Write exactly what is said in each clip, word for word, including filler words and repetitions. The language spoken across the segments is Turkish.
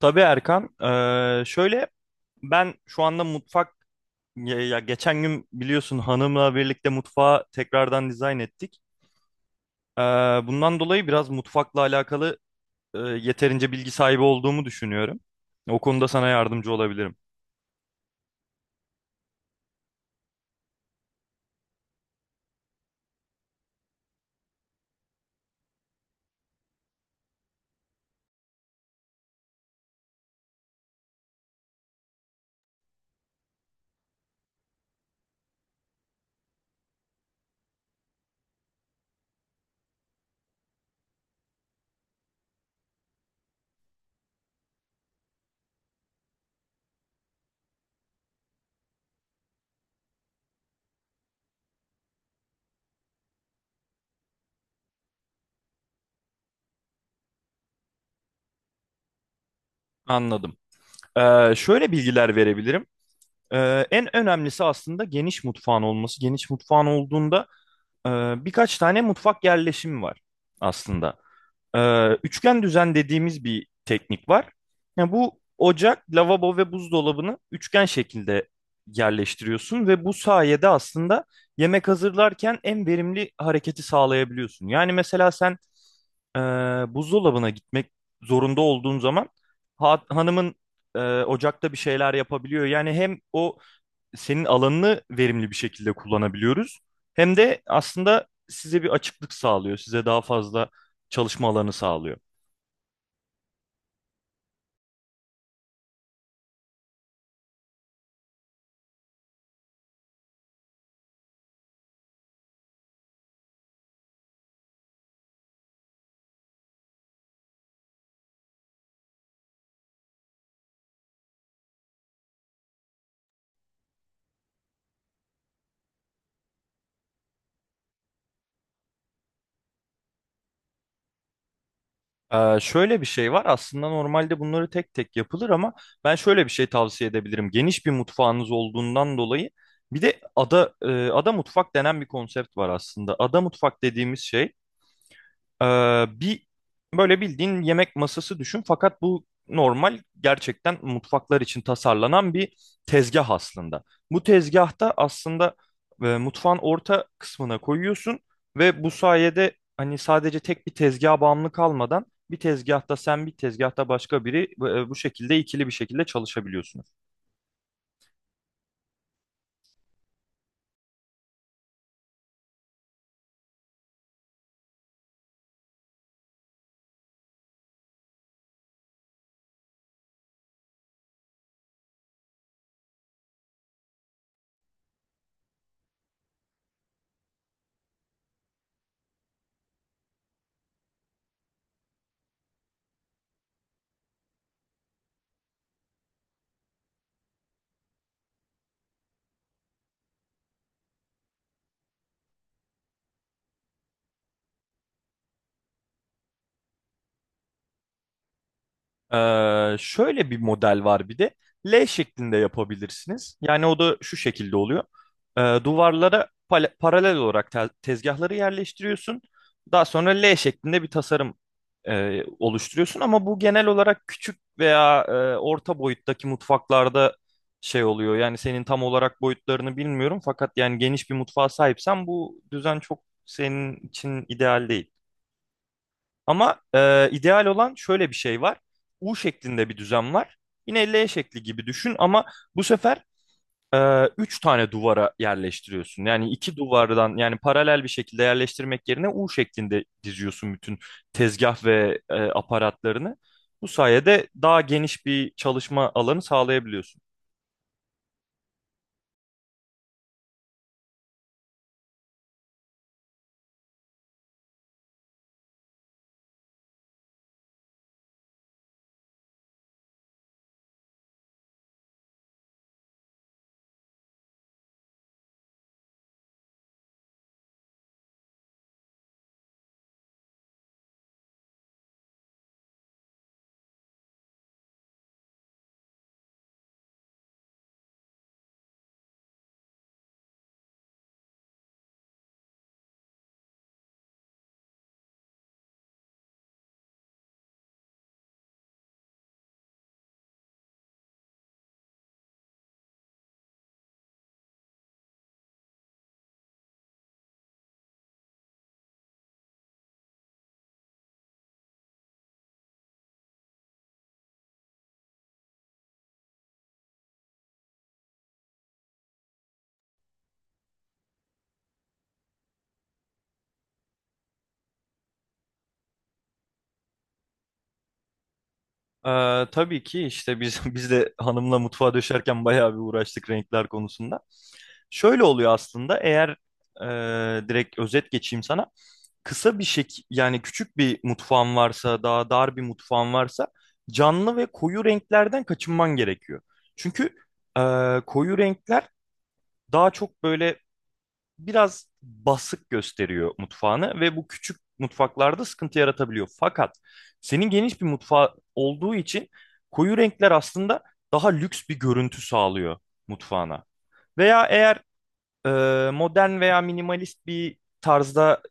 Tabii Erkan. Ee, şöyle ben şu anda mutfak ya, ya geçen gün biliyorsun hanımla birlikte mutfağı tekrardan dizayn ettik. Ee, Bundan dolayı biraz mutfakla alakalı e, yeterince bilgi sahibi olduğumu düşünüyorum. O konuda sana yardımcı olabilirim. Anladım. Ee, şöyle bilgiler verebilirim. Ee, en önemlisi aslında geniş mutfağın olması. Geniş mutfağın olduğunda e, birkaç tane mutfak yerleşimi var aslında. Ee, üçgen düzen dediğimiz bir teknik var. Yani bu ocak, lavabo ve buzdolabını üçgen şekilde yerleştiriyorsun ve bu sayede aslında yemek hazırlarken en verimli hareketi sağlayabiliyorsun. Yani mesela sen e, buzdolabına gitmek zorunda olduğun zaman ha- hanımın e, ocakta bir şeyler yapabiliyor. Yani hem o senin alanını verimli bir şekilde kullanabiliyoruz hem de aslında size bir açıklık sağlıyor, size daha fazla çalışma alanı sağlıyor. Ee, şöyle bir şey var aslında normalde bunları tek tek yapılır ama ben şöyle bir şey tavsiye edebilirim. Geniş bir mutfağınız olduğundan dolayı bir de ada e, ada mutfak denen bir konsept var aslında. Ada mutfak dediğimiz şey ee, bir böyle bildiğin yemek masası düşün fakat bu normal gerçekten mutfaklar için tasarlanan bir tezgah aslında. Bu tezgahta aslında e, mutfağın orta kısmına koyuyorsun ve bu sayede hani sadece tek bir tezgaha bağımlı kalmadan bir tezgahta sen bir tezgahta başka biri e, bu şekilde ikili bir şekilde çalışabiliyorsunuz. Ee, şöyle bir model var bir de. L şeklinde yapabilirsiniz. Yani o da şu şekilde oluyor. Ee, duvarlara pale- paralel olarak te- tezgahları yerleştiriyorsun. Daha sonra L şeklinde bir tasarım e, oluşturuyorsun. Ama bu genel olarak küçük veya e, orta boyuttaki mutfaklarda şey oluyor. Yani senin tam olarak boyutlarını bilmiyorum. Fakat yani geniş bir mutfağa sahipsen bu düzen çok senin için ideal değil. Ama e, ideal olan şöyle bir şey var. U şeklinde bir düzen var. Yine L şekli gibi düşün ama bu sefer e, üç tane duvara yerleştiriyorsun. Yani iki duvardan yani paralel bir şekilde yerleştirmek yerine U şeklinde diziyorsun bütün tezgah ve e, aparatlarını. Bu sayede daha geniş bir çalışma alanı sağlayabiliyorsun. E, tabii ki işte biz biz de hanımla mutfağa döşerken bayağı bir uğraştık renkler konusunda. Şöyle oluyor aslında eğer e, direkt özet geçeyim sana. Kısa bir şek yani küçük bir mutfağın varsa daha dar bir mutfağın varsa canlı ve koyu renklerden kaçınman gerekiyor. Çünkü e, koyu renkler daha çok böyle biraz basık gösteriyor mutfağını ve bu küçük mutfaklarda sıkıntı yaratabiliyor. Fakat senin geniş bir mutfağı olduğu için koyu renkler aslında daha lüks bir görüntü sağlıyor mutfağına. Veya eğer e, modern veya minimalist bir tarzda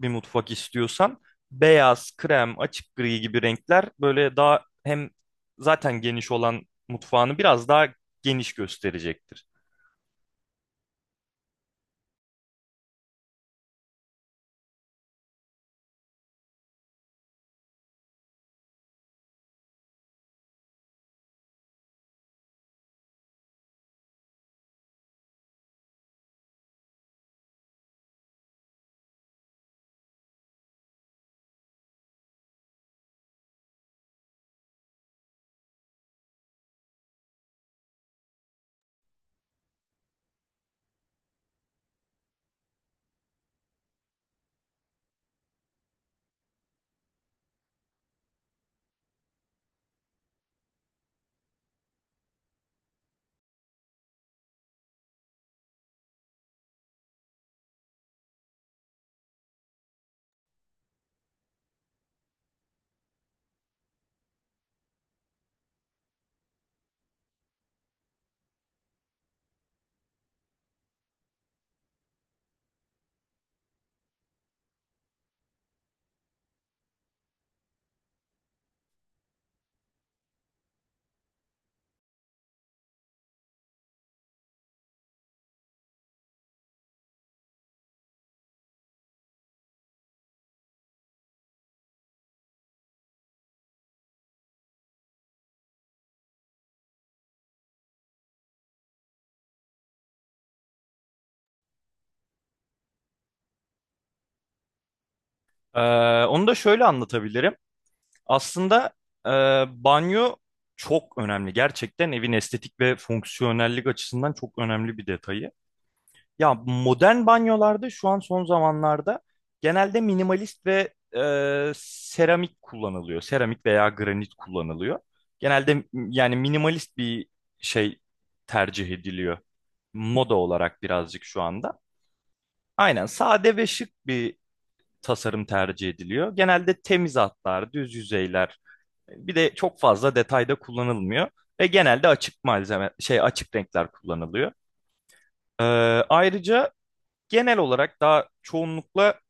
bir mutfak istiyorsan beyaz, krem, açık gri gibi renkler böyle daha hem zaten geniş olan mutfağını biraz daha geniş gösterecektir. Ee, Onu da şöyle anlatabilirim. Aslında e, banyo çok önemli. Gerçekten evin estetik ve fonksiyonellik açısından çok önemli bir detayı. Ya modern banyolarda şu an son zamanlarda genelde minimalist ve e, seramik kullanılıyor. Seramik veya granit kullanılıyor. Genelde m- yani minimalist bir şey tercih ediliyor. Moda olarak birazcık şu anda. Aynen sade ve şık bir tasarım tercih ediliyor. Genelde temiz hatlar, düz yüzeyler bir de çok fazla detayda kullanılmıyor ve genelde açık malzeme şey açık renkler kullanılıyor. Ee, Ayrıca genel olarak daha çoğunlukla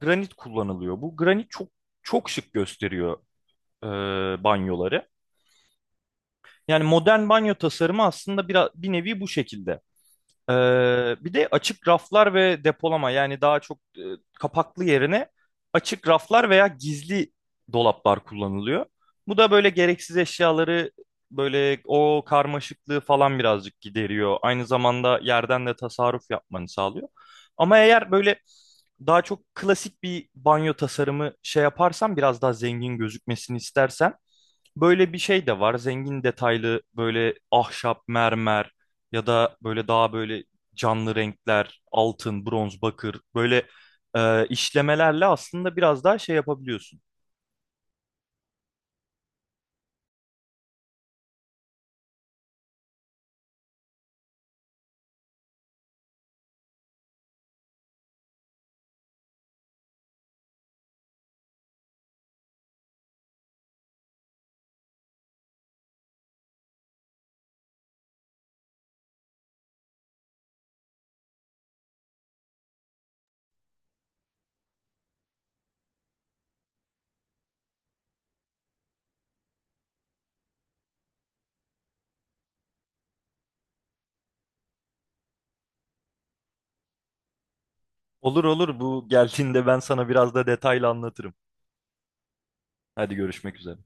granit kullanılıyor. Bu granit çok çok şık gösteriyor e, banyoları. Yani modern banyo tasarımı aslında bir, bir nevi bu şekilde. Ee, bir de açık raflar ve depolama yani daha çok e, kapaklı yerine açık raflar veya gizli dolaplar kullanılıyor. Bu da böyle gereksiz eşyaları böyle o karmaşıklığı falan birazcık gideriyor. Aynı zamanda yerden de tasarruf yapmanı sağlıyor. Ama eğer böyle daha çok klasik bir banyo tasarımı şey yaparsan biraz daha zengin gözükmesini istersen böyle bir şey de var. Zengin detaylı böyle ahşap, mermer ya da böyle daha böyle canlı renkler, altın, bronz, bakır böyle e, işlemelerle aslında biraz daha şey yapabiliyorsun. Olur olur bu geldiğinde ben sana biraz da detaylı anlatırım. Hadi görüşmek üzere.